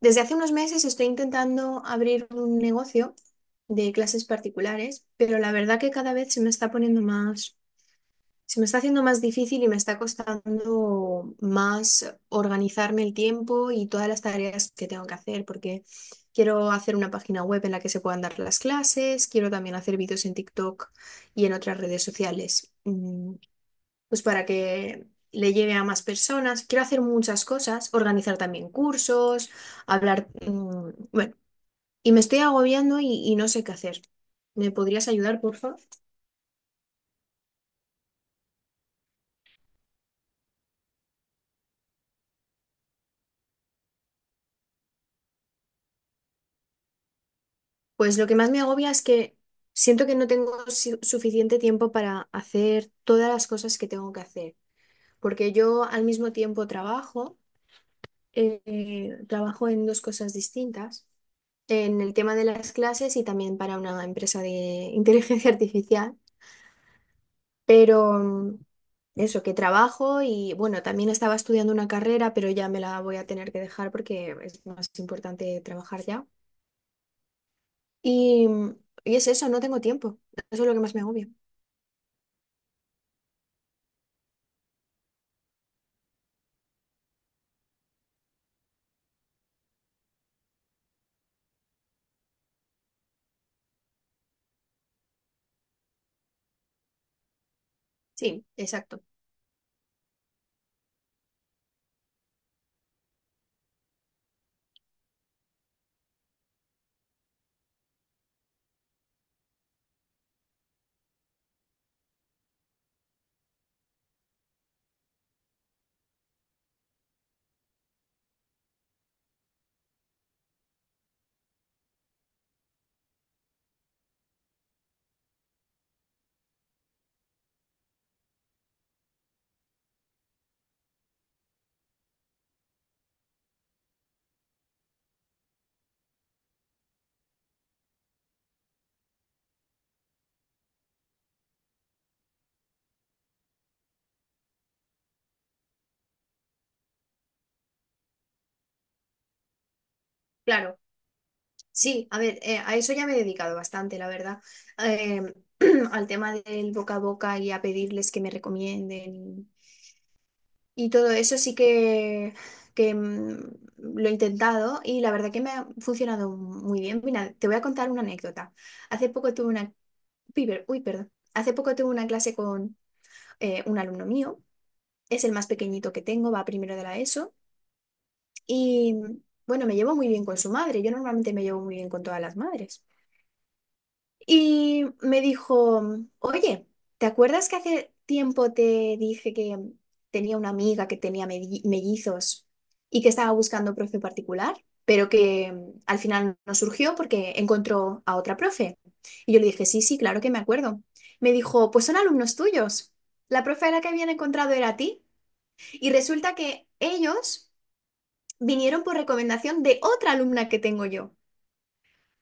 Desde hace unos meses estoy intentando abrir un negocio de clases particulares, pero la verdad que cada vez se me está poniendo más, se me está haciendo más difícil y me está costando más organizarme el tiempo y todas las tareas que tengo que hacer, porque quiero hacer una página web en la que se puedan dar las clases, quiero también hacer vídeos en TikTok y en otras redes sociales. Pues para que le lleve a más personas. Quiero hacer muchas cosas, organizar también cursos, hablar, bueno, y me estoy agobiando y no sé qué hacer. ¿Me podrías ayudar, por favor? Pues lo que más me agobia es que siento que no tengo suficiente tiempo para hacer todas las cosas que tengo que hacer, porque yo al mismo tiempo trabajo en dos cosas distintas en el tema de las clases y también para una empresa de inteligencia artificial. Pero eso, que trabajo y bueno, también estaba estudiando una carrera, pero ya me la voy a tener que dejar porque es más importante trabajar ya. Y, mm, y es eso, no tengo tiempo. Eso es lo que más me agobia. Sí, exacto. Claro. Sí, a ver, a eso ya me he dedicado bastante, la verdad. Eh, al tema del boca a boca y a pedirles que me recomienden. Y todo eso sí que lo he intentado y la verdad que me ha funcionado muy bien. Mira, te voy a contar una anécdota. Hace poco tuve una... piber- Uy, perdón. Hace poco tuve una clase con un alumno mío. Es el más pequeñito que tengo, va primero de la ESO. Y bueno, me llevo muy bien con su madre. Yo normalmente me llevo muy bien con todas las madres. Y me dijo, oye, ¿te acuerdas que hace tiempo te dije que tenía una amiga que tenía mellizos y que estaba buscando profe particular, pero que al final no surgió porque encontró a otra profe? Y yo le dije, sí, sí, claro que me acuerdo. Me dijo, pues son alumnos tuyos. La profe a la que habían encontrado era a ti. Y resulta que ellos vinieron por recomendación de otra alumna que tengo yo.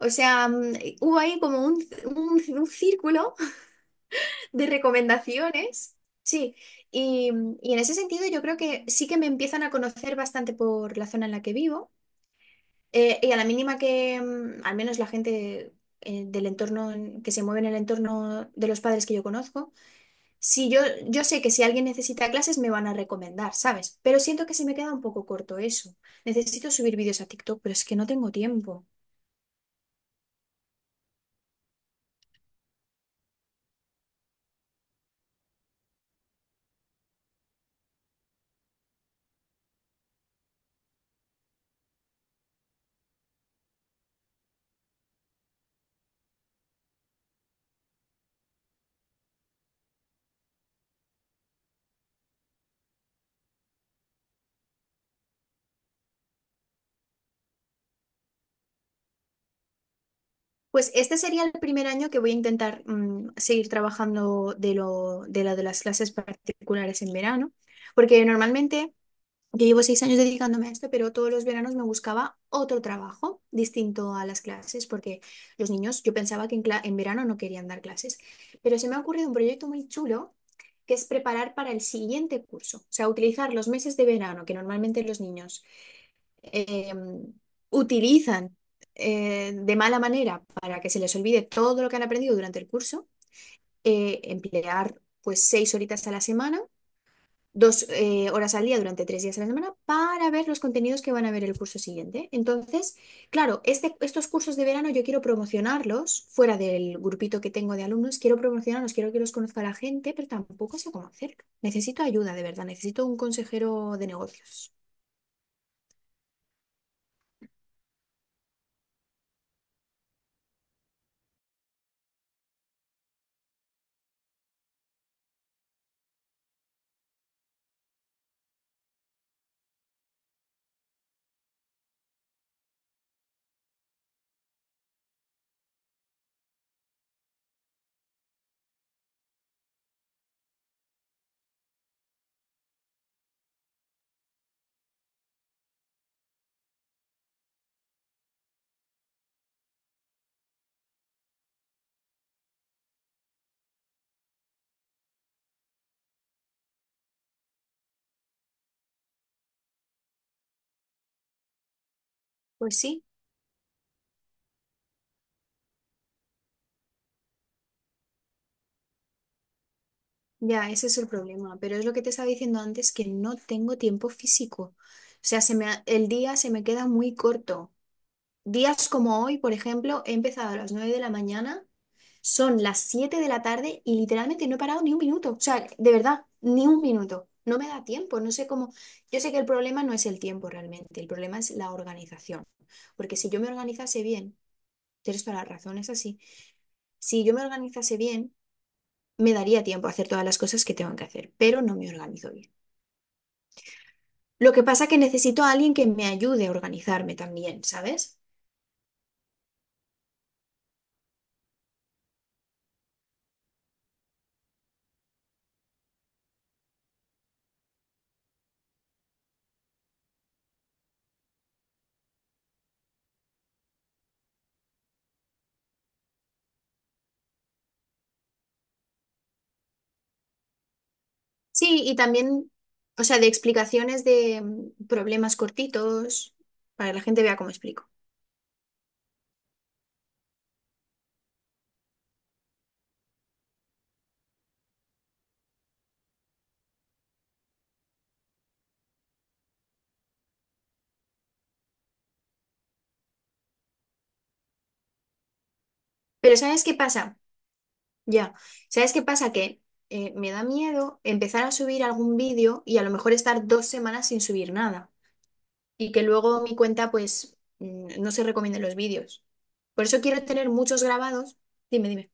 O sea, hubo ahí como un círculo de recomendaciones. Sí, y, y en ese sentido yo creo que sí que me empiezan a conocer bastante por la zona en la que vivo, y a la mínima que, al menos la gente del entorno que se mueve en el entorno de los padres que yo conozco, si yo, yo sé que si alguien necesita clases me van a recomendar, ¿sabes? Pero siento que se me queda un poco corto eso. Necesito subir vídeos a TikTok, pero es que no tengo tiempo. Pues este sería el primer año que voy a intentar seguir trabajando de lo, de la- de las clases particulares en verano, porque normalmente yo llevo 6 años dedicándome a esto, pero todos los veranos me buscaba otro trabajo distinto a las clases, porque los niños, yo pensaba que en verano no querían dar clases, pero se me ha ocurrido un proyecto muy chulo que es preparar para el siguiente curso, o sea, utilizar los meses de verano que normalmente los niños eh, utilizan de mala manera para que se les olvide todo lo que han aprendido durante el curso. Emplear pues 6 horitas a la semana, dos horas al día durante 3 días a la semana para ver los contenidos que van a ver el curso siguiente. Entonces, claro, estos cursos de verano yo quiero promocionarlos fuera del grupito que tengo de alumnos, quiero promocionarlos, quiero que los conozca la gente, pero tampoco sé cómo hacerlo. Necesito ayuda, de verdad, necesito un consejero de negocios. Pues sí. Ya, ese es el problema, pero es lo que te estaba diciendo antes, que no tengo tiempo físico. O sea, el día se me queda muy corto. Días como hoy, por ejemplo, he empezado a las 9 de la mañana, son las 7 de la tarde y literalmente no he parado ni un minuto. O sea, de verdad, ni un minuto. No me da tiempo, no sé cómo. Yo sé que el problema no es el tiempo realmente, el problema es la organización. Porque si yo me organizase bien, tienes toda la razón, es así. Si yo me organizase bien me daría tiempo a hacer todas las cosas que tengo que hacer, pero no me organizo bien. Lo que pasa es que necesito a alguien que me ayude a organizarme también, ¿sabes? Sí, y también, o sea, de explicaciones de problemas cortitos, para que la gente vea cómo explico. Pero ¿sabes qué pasa? Ya, ¿sabes qué pasa? Que me da miedo empezar a subir algún vídeo y a lo mejor estar 2 semanas sin subir nada, y que luego mi cuenta pues no se recomienden los vídeos. Por eso quiero tener muchos grabados. Dime, dime.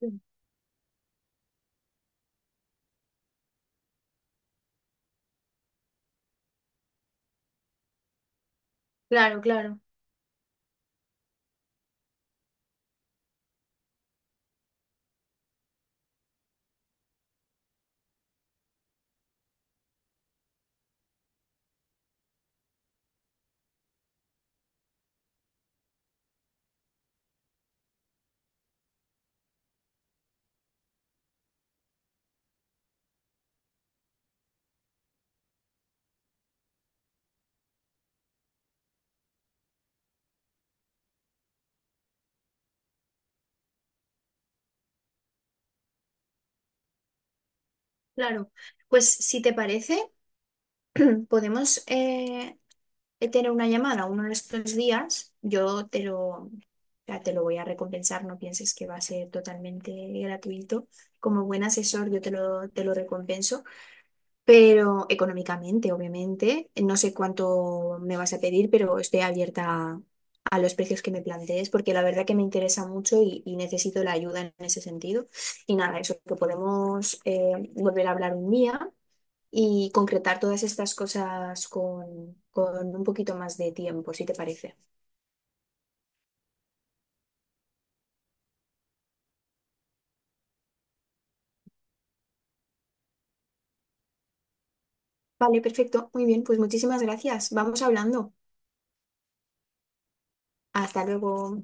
Sí. Claro, claro, claro. Pues si te parece, podemos tener una llamada uno de estos días. O sea, te lo voy a recompensar, no pienses que va a ser totalmente gratuito. Como buen asesor, te lo recompenso. Pero económicamente, obviamente, no sé cuánto me vas a pedir, pero estoy abierta a los precios que me plantees, porque la verdad que me interesa mucho y necesito la ayuda en ese sentido. Y nada, eso, que podemos volver a hablar un día y concretar todas estas cosas con un poquito más de tiempo, si te parece. Vale, perfecto, muy bien, pues muchísimas gracias. Vamos hablando. Hasta luego.